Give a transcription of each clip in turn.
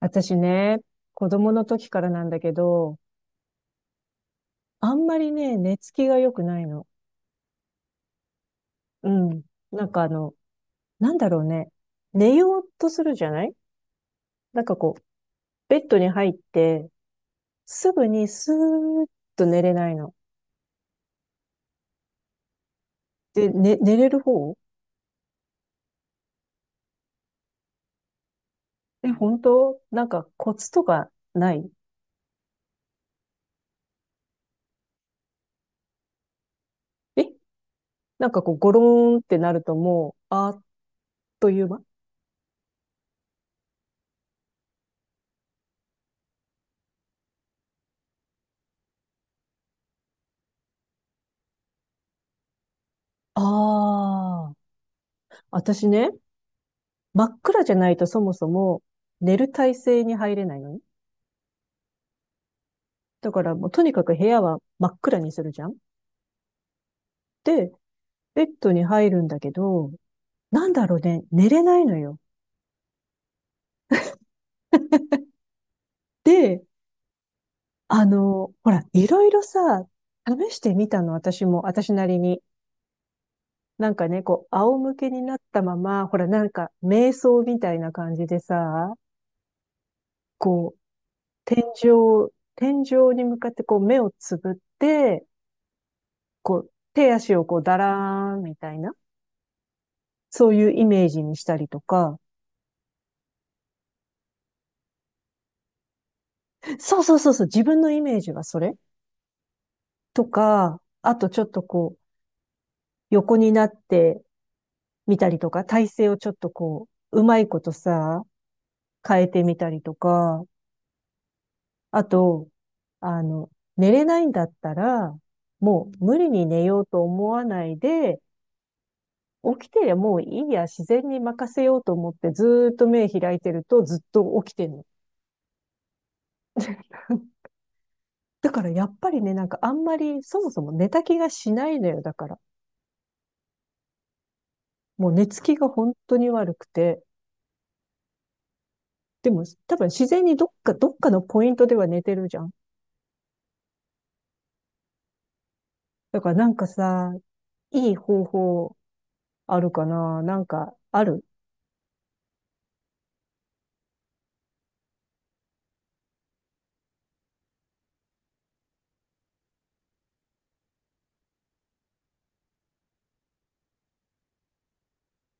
私ね、子供の時からなんだけど、あんまりね、寝つきが良くないの。うん。なんかなんだろうね。寝ようとするじゃない？なんかこう、ベッドに入って、すぐにスーッと寝れないの。で、ね、寝れる方？え、本当？なんかコツとかない？え、なんかこう、ゴローンってなるともう、あっという間。ああー。私ね、真っ暗じゃないとそもそも寝る体勢に入れないのね。だからもうとにかく部屋は真っ暗にするじゃん。で、ベッドに入るんだけど、なんだろうね、寝れないのよ。で、ほら、いろいろさ、試してみたの、私も、私なりに。なんかね、こう、仰向けになったまま、ほら、なんか、瞑想みたいな感じでさ、こう、天井に向かってこう、目をつぶって、こう、手足をこう、だらーんみたいな、そういうイメージにしたりとか、そうそうそうそう、自分のイメージはそれ。とか、あとちょっとこう、横になってみたりとか、体勢をちょっとこう、うまいことさ、変えてみたりとか、あと、あの、寝れないんだったら、もう無理に寝ようと思わないで、起きてりゃもういいや、自然に任せようと思ってずーっと目開いてるとずっと起きてんの。だからやっぱりね、なんかあんまりそもそも寝た気がしないのよ、だから。もう寝つきが本当に悪くて。でも、多分自然にどっかのポイントでは寝てるじゃん。だからなんかさ、いい方法あるかな？なんか、ある？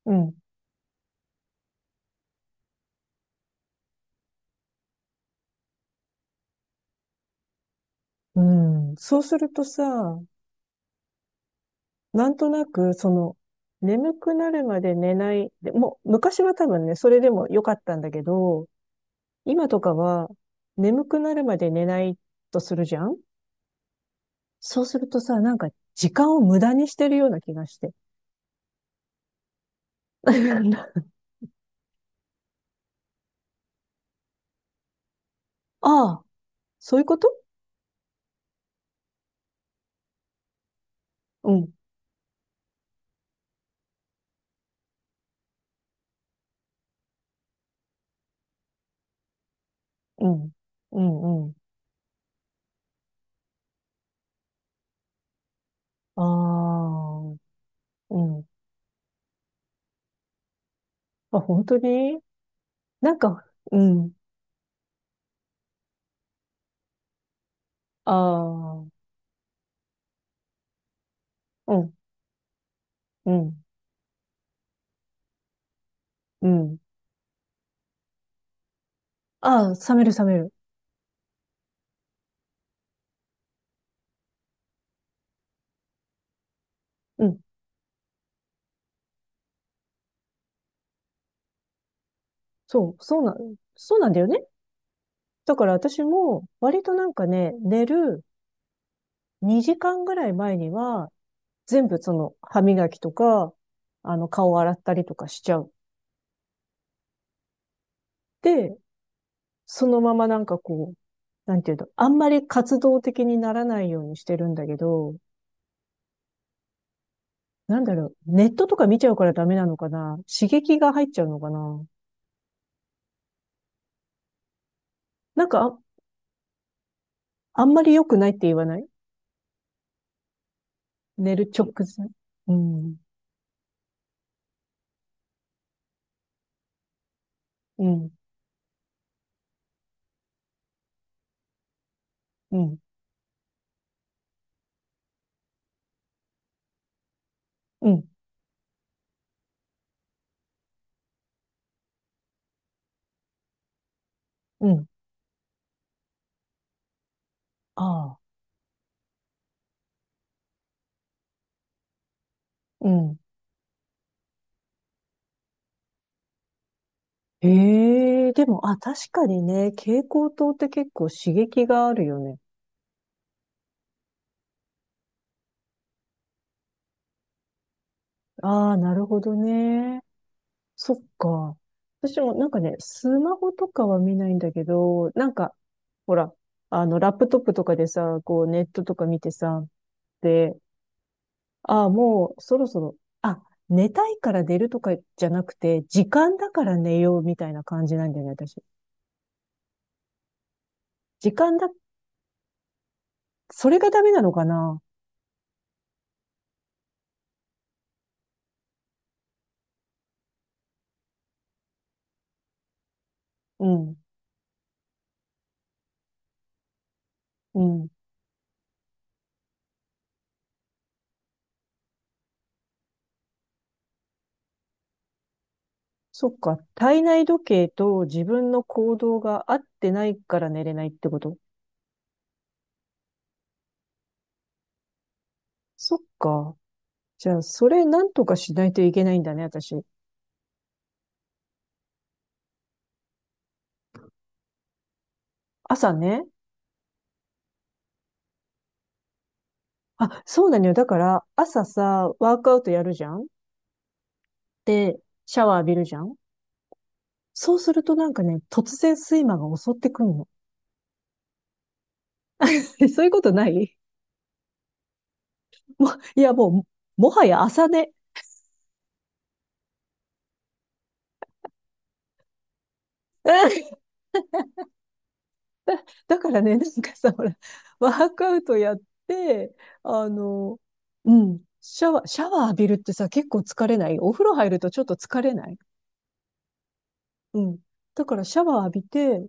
うん。うん。そうするとさ、なんとなく、その、眠くなるまで寝ない。でもう、昔は多分ね、それでも良かったんだけど、今とかは、眠くなるまで寝ないとするじゃん。そうするとさ、なんか、時間を無駄にしてるような気がして。ああ、そういうこと？うん、うん、うん、うん。ああ、うん。あ、本当？になんか、うん。ああ、うん、うん、うん。ああ、冷める冷める。うん。そう、そうなん、そうなんだよね。だから私も割となんかね、寝る2時間ぐらい前には、全部その歯磨きとか、あの顔洗ったりとかしちゃう。で、そのままなんかこう、なんていうの、あんまり活動的にならないようにしてるんだけど、なんだろう、ネットとか見ちゃうからダメなのかな？刺激が入っちゃうのかな？なんかあ、あんまり良くないって言わない？寝る直前。うん、うん、うん、うん、うん、ああ、うん。ええでも、あ、確かにね、蛍光灯って結構刺激があるよね。ああ、なるほどね。そっか。私もなんかね、スマホとかは見ないんだけど、なんか、ほら、あの、ラップトップとかでさ、こう、ネットとか見てさ、で、ああ、もうそろそろ、あ、寝たいから寝るとかじゃなくて、時間だから寝ようみたいな感じなんだなね、私。時間だ、それがダメなのかな？うん、うん。そっか、体内時計と自分の行動が合ってないから寝れないってこと？そっか。じゃあ、それなんとかしないといけないんだね、私。朝ね。あ、そうなのよ。だから、朝さ、ワークアウトやるじゃん。で、シャワー浴びるじゃん。そうするとなんかね、突然睡魔が襲ってくるの。え、そういうことない？いや、もう、もはや朝寝。だからね、なんかさ、ほら、ワークアウトやって、あの、うん、シャワー浴びるってさ、結構疲れない？お風呂入るとちょっと疲れない？うん。だからシャワー浴びて、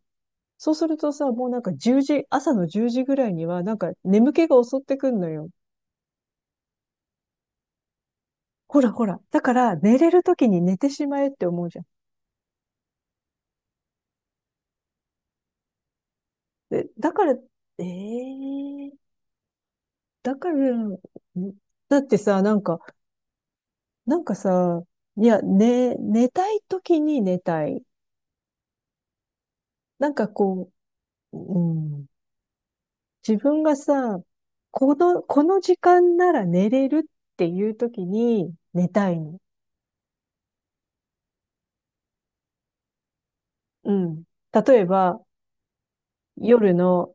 そうするとさ、もうなんか10時、朝の10時ぐらいには、なんか眠気が襲ってくんのよ。ほらほら。だから、寝れる時に寝てしまえって思うじゃん。で、だから、ええだから、だってさ、なんかさ、いや、寝たい時に寝たい。なんかこう、うん、自分がさ、この時間なら寝れるっていう時に寝たいの。うん。例えば、夜の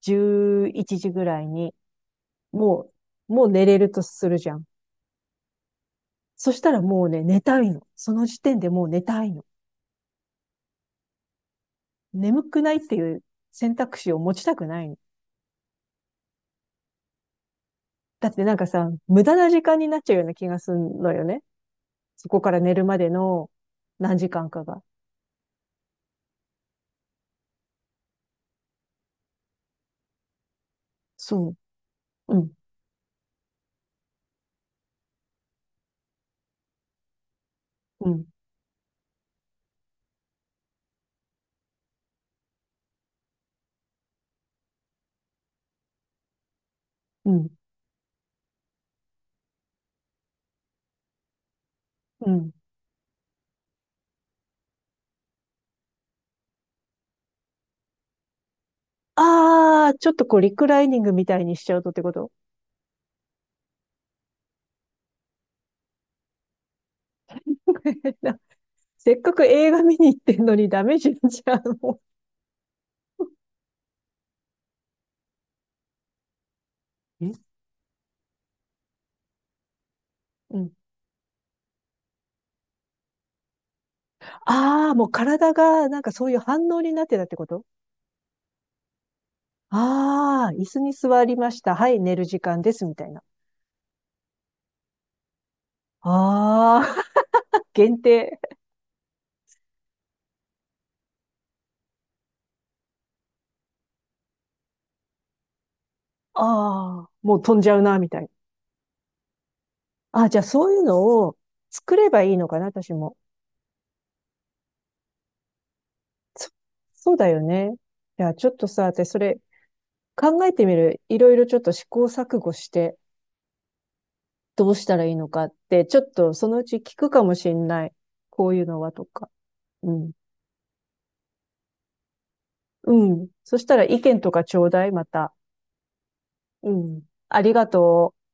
11時ぐらいに、ももう寝れるとするじゃん。そしたらもうね、寝たいの。その時点でもう寝たいの。眠くないっていう選択肢を持ちたくないの。だってなんかさ、無駄な時間になっちゃうような気がするのよね。そこから寝るまでの何時間かが。そう。うん、うん、うん、うん。ああ、ちょっとこう、リクライニングみたいにしちゃうとってこと？ せっかく映画見に行ってんのにダメじゃん、じゃあもう。えうん。ああ、もう体がなんかそういう反応になってたってこと？ああー、椅子に座りました。はい、寝る時間です、みたいな。ああ、限定。ああ、もう飛んじゃうな、みたいな。ああ、じゃあそういうのを作ればいいのかな、私も。そそうだよね。いや、ちょっとさ、私それ考えてみる。いろいろちょっと試行錯誤してどうしたらいいのかって、ちょっとそのうち聞くかもしんない。こういうのはとか。うん。うん。そしたら意見とかちょうだい、また。うん。ありがとう。